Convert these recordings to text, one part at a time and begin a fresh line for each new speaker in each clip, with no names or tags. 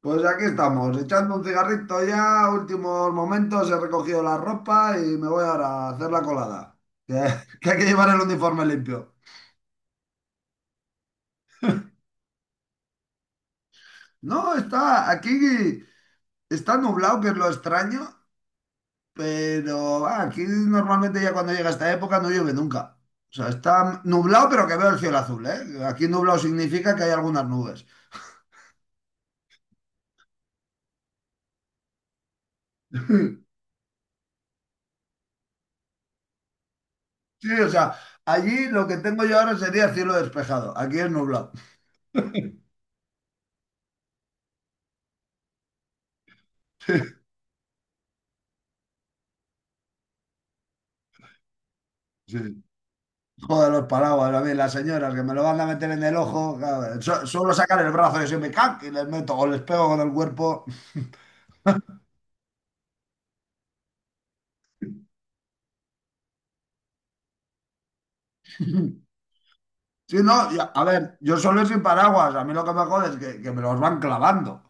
Pues aquí estamos, echando un cigarrito ya, últimos momentos, he recogido la ropa y me voy ahora a hacer la colada, que, que hay que llevar el uniforme limpio. No, está aquí, está nublado, que es lo extraño, pero va, aquí normalmente ya cuando llega esta época no llueve nunca. O sea, está nublado, pero que veo el cielo azul, ¿eh? Aquí nublado significa que hay algunas nubes. Sí, o sea, allí lo que tengo yo ahora sería cielo despejado, aquí es nublado. Sí. Joder, los paraguas, a mí, las señoras que me lo van a meter en el ojo, cabrón. Suelo sacar el brazo y se me cac y les meto o les pego con el cuerpo. Si no, a ver, yo solo sin paraguas, a mí lo que me jode es que, me los van clavando.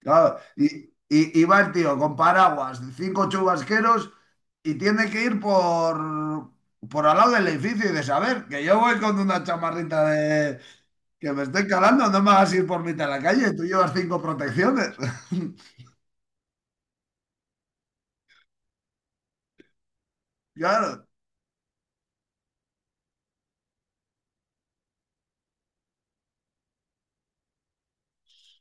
Claro, y va el tío con paraguas, cinco chubasqueros y tiene que ir por al lado del edificio y de saber que yo voy con una chamarrita de... que me estoy calando, no me hagas ir por mitad de la calle, tú llevas cinco protecciones. Claro.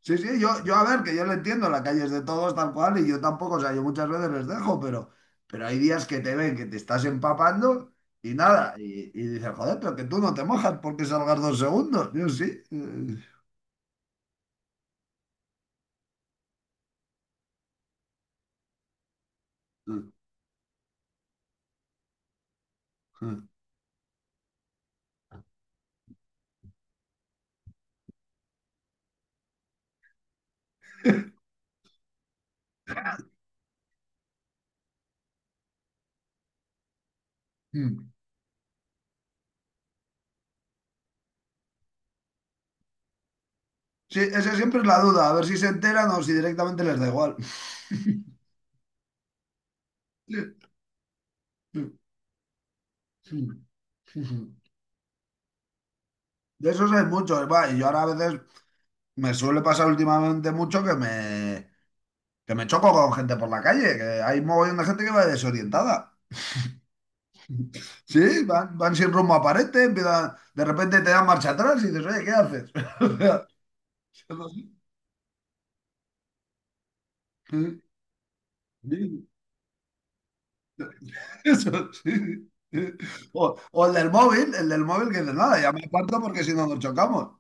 Sí, sí, yo a ver, que yo lo entiendo, la calle es de todos tal cual y yo tampoco, o sea, yo muchas veces les dejo, pero hay días que te ven que te estás empapando y nada, y dices, joder, pero que tú no te mojas porque salgas 2 segundos. Yo sí. Sí, esa siempre es la duda, a ver si se enteran o si directamente les da igual. De esos hay muchos, va, y yo ahora a veces me suele pasar últimamente mucho que me, choco con gente por la calle, que hay mogollón de gente que va desorientada. Sí, van sin rumbo a parete, de repente te dan marcha atrás y dices, oye, ¿qué haces? O sea, sí, sí, sí, eso, sí, sí. O el del móvil que dice, nada, ya me aparto porque si no nos chocamos.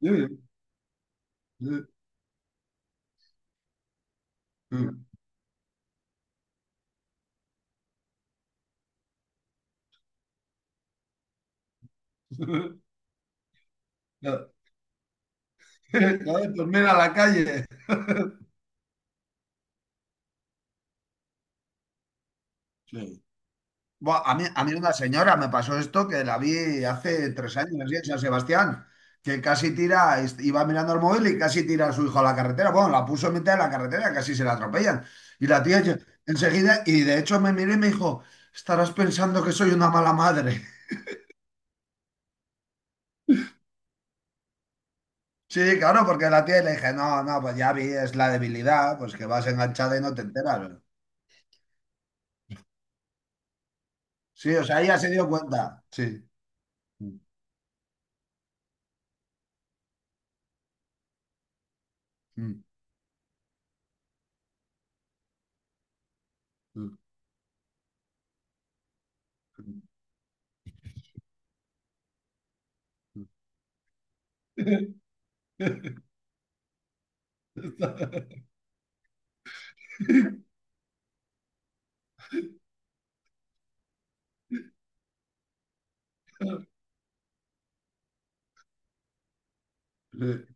Sí, sí, sí. Cada vez termina la calle. Sí. Buah, a mí una señora me pasó esto que la vi hace 3 años así, en San Sebastián, que casi tira, iba mirando el móvil y casi tira a su hijo a la carretera. Bueno, la puso en mitad de la carretera, casi se la atropellan. Y la tía enseguida, y de hecho me miré y me dijo, estarás pensando que soy una mala madre. Sí, claro, porque la tía le dije, no, no, pues ya vi, es la debilidad, pues que vas enganchada y no te enteras. Sí, o sea, ella se dio cuenta. Sí. Mm, mm, mm, mm, mm.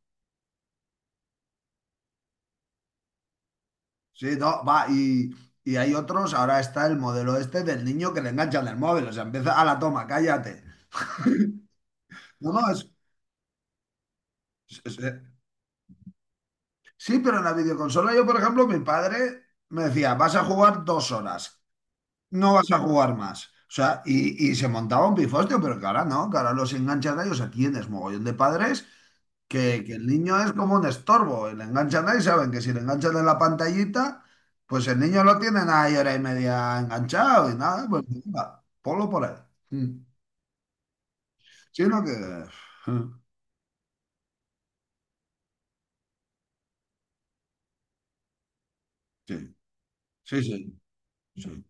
Sí, no, va, y hay otros, ahora está el modelo este del niño que le enganchan el móvil, o sea, empieza a la toma, cállate. No, no, es- es- sí, pero en la videoconsola yo, por ejemplo, mi padre me decía, vas a jugar 2 horas, no vas a jugar más. O sea, y se montaba un pifostio, pero que ahora no, que ahora los enganchan a ellos, aquí tienes mogollón de padres que el niño es como un estorbo, y le enganchan ahí, saben que si le enganchan en la pantallita, pues el niño lo tienen ahí hora y media enganchado y nada, pues venga, ponlo por ahí. Mm. Sino que... Sí, sí, sí, sí.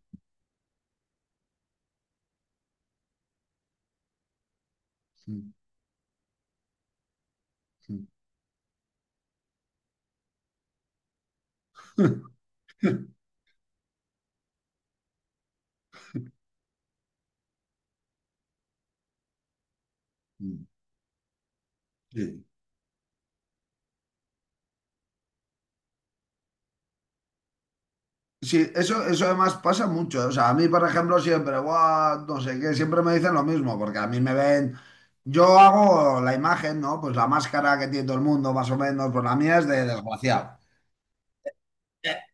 Mm, mm. Sí. Sí, eso además pasa mucho. O sea, a mí, por ejemplo, siempre, "Buah, no sé qué, siempre me dicen lo mismo, porque a mí me ven, yo hago la imagen, ¿no? Pues la máscara que tiene todo el mundo, más o menos, pues la mía es de desgraciado.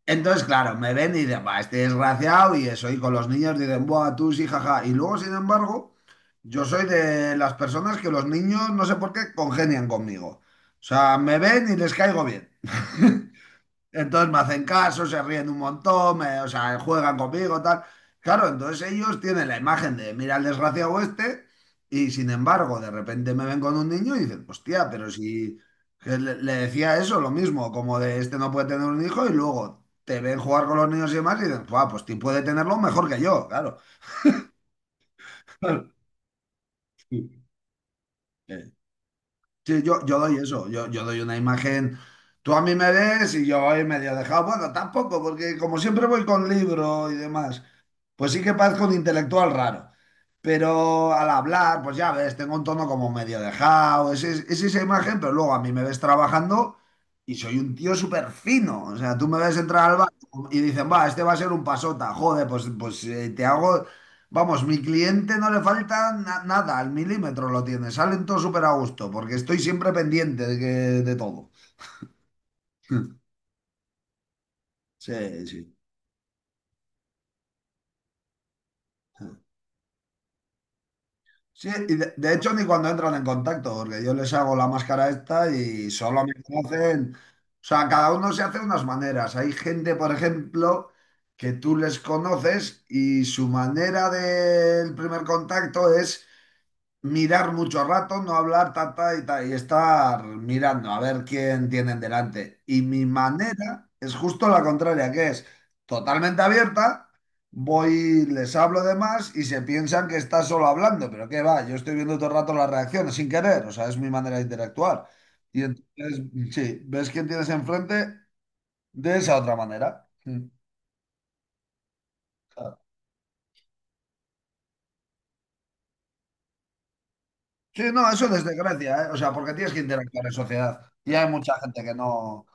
Entonces, claro, me ven y dicen, va, este desgraciado y eso, y con los niños dicen, buah, tú sí, jaja. Y luego, sin embargo, yo soy de las personas que los niños, no sé por qué, congenian conmigo. O sea, me ven y les caigo bien. Entonces me hacen caso, se ríen un montón, o sea, juegan conmigo, tal. Claro, entonces ellos tienen la imagen de, mira el desgraciado este, y sin embargo, de repente me ven con un niño y dicen, hostia, pero si que le decía eso, lo mismo, como de este no puede tener un hijo, y luego te ven jugar con los niños y demás, y dicen, "Buah, pues ti puede tenerlo mejor que yo, claro. Eh, Sí, yo doy eso, yo doy una imagen. Tú a mí me ves y yo voy medio dejado. Bueno, tampoco, porque como siempre voy con libro y demás. Pues sí que parezco un intelectual raro, pero al hablar, pues ya ves, tengo un tono como medio dejado, es esa imagen, pero luego a mí me ves trabajando y soy un tío súper fino. O sea, tú me ves entrar al bar y dicen, va, este va a ser un pasota, joder, pues te hago, vamos, mi cliente no le falta nada, al milímetro lo tiene, salen todos súper a gusto, porque estoy siempre pendiente de, de todo. Sí, sí. Sí, y de hecho ni cuando entran en contacto, porque yo les hago la máscara esta y solo me conocen. O sea, cada uno se hace unas maneras. Hay gente, por ejemplo, que tú les conoces y su manera del primer contacto es mirar mucho rato, no hablar tata y estar mirando a ver quién tienen delante. Y mi manera es justo la contraria, que es totalmente abierta, voy, les hablo de más y se piensan que está solo hablando, pero qué va, yo estoy viendo todo el rato las reacciones sin querer, o sea, es mi manera de interactuar. Y entonces, sí, ves quién tienes enfrente de esa otra manera. Mm. Claro. Sí, no, eso es desgracia, ¿eh? O sea, porque tienes que interactuar en sociedad. Y hay mucha gente que no...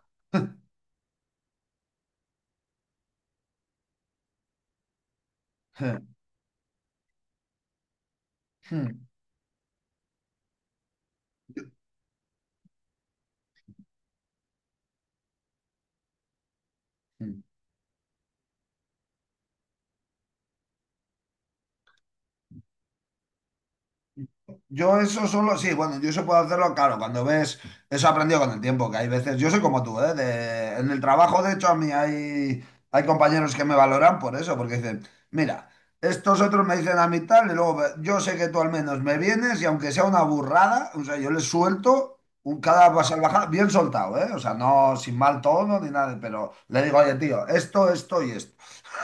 Yo eso solo, sí, bueno, yo eso puedo hacerlo, claro, cuando ves, eso he aprendido con el tiempo, que hay veces, yo soy como tú, ¿eh? En el trabajo, de hecho, a mí hay, compañeros que me valoran por eso, porque dicen, mira, estos otros me dicen a mí tal, y luego yo sé que tú al menos me vienes y aunque sea una burrada, o sea, yo les suelto un cada salvajada bien soltado, ¿eh? O sea, no sin mal tono ni nada, pero le digo, oye, tío, esto y esto.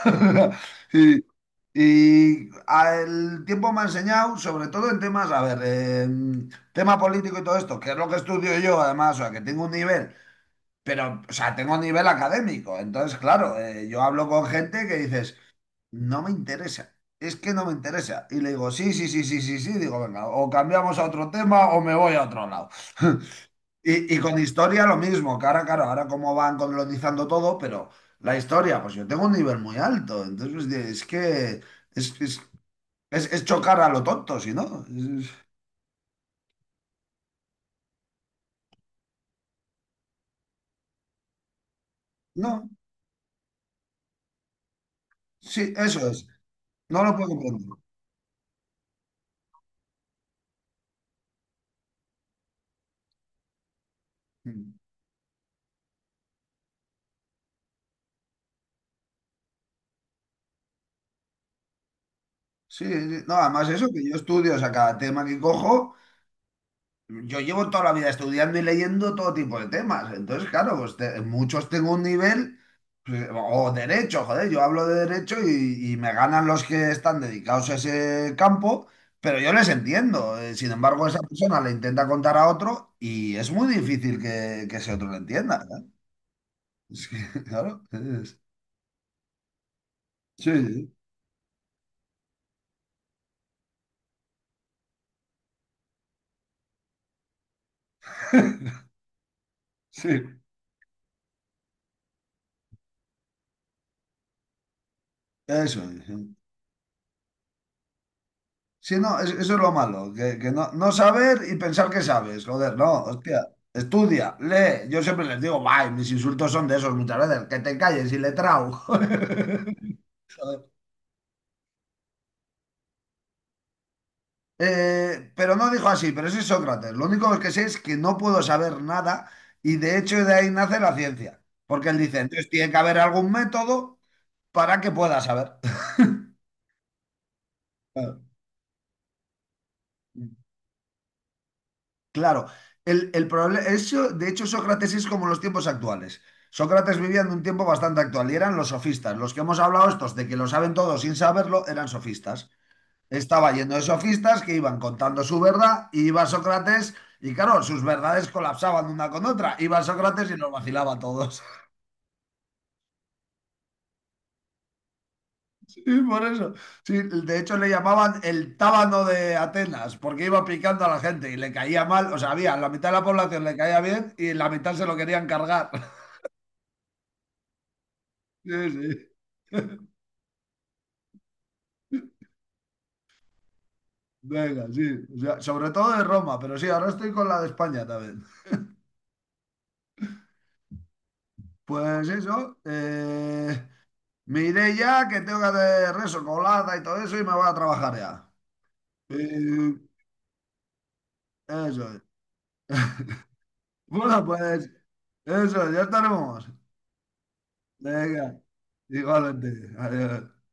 Y, y el tiempo me ha enseñado, sobre todo en temas, a ver, tema político y todo esto, que es lo que estudio yo además, o sea, que tengo un nivel, pero, o sea, tengo un nivel académico. Entonces, claro, yo hablo con gente que dices, no me interesa, es que no me interesa. Y le digo, sí, sí, sí, sí, sí, sí, digo, venga, o cambiamos a otro tema o me voy a otro lado. Y con historia lo mismo, que ahora, claro, ahora como van colonizando todo, pero la historia, pues yo tengo un nivel muy alto, entonces, pues, es que... Es, es- es chocar a lo tonto, si no. No, sí, eso es. No lo puedo comprender. Mm. Sí, sí. No, además eso, que yo estudio, o sea, cada tema que cojo, yo llevo toda la vida estudiando y leyendo todo tipo de temas. Entonces, claro, pues muchos tengo un nivel, pues, o derecho, joder, yo hablo de derecho y me ganan los que están dedicados a ese campo, pero yo les entiendo. Sin embargo, esa persona le intenta contar a otro y es muy difícil que, ese otro lo entienda, ¿verdad? Es que, claro. Sí, sí, eso es, sí. Sí, no, eso es lo malo, que, no saber y pensar que sabes, joder, no, hostia, estudia, lee. Yo siempre les digo, bye, mis insultos son de esos muchas veces, que te calles y letrao. Joder. Pero no dijo así, pero ese es Sócrates. Lo único que sé es que no puedo saber nada y de hecho de ahí nace la ciencia, porque él dice, entonces tiene que haber algún método para que pueda saber. Claro, el problema, eso, de hecho Sócrates es como los tiempos actuales. Sócrates vivía en un tiempo bastante actual y eran los sofistas. Los que hemos hablado estos de que lo saben todos sin saberlo eran sofistas. Estaba lleno de sofistas que iban contando su verdad y iba Sócrates y claro, sus verdades colapsaban una con otra. Iba Sócrates y los vacilaba a todos. Sí, por eso. Sí, de hecho le llamaban el tábano de Atenas porque iba picando a la gente y le caía mal. O sea, había la mitad de la población le caía bien y la mitad se lo querían cargar. Sí, sí. Venga, sí. O sea, sobre todo de Roma, pero sí, ahora estoy con la de España también. Pues eso. Me iré ya, que tengo que hacer rezo, colada y todo eso, y me voy a trabajar ya. Eh, eso es. Bueno, pues eso, ya estaremos. Venga, igualmente. Adiós.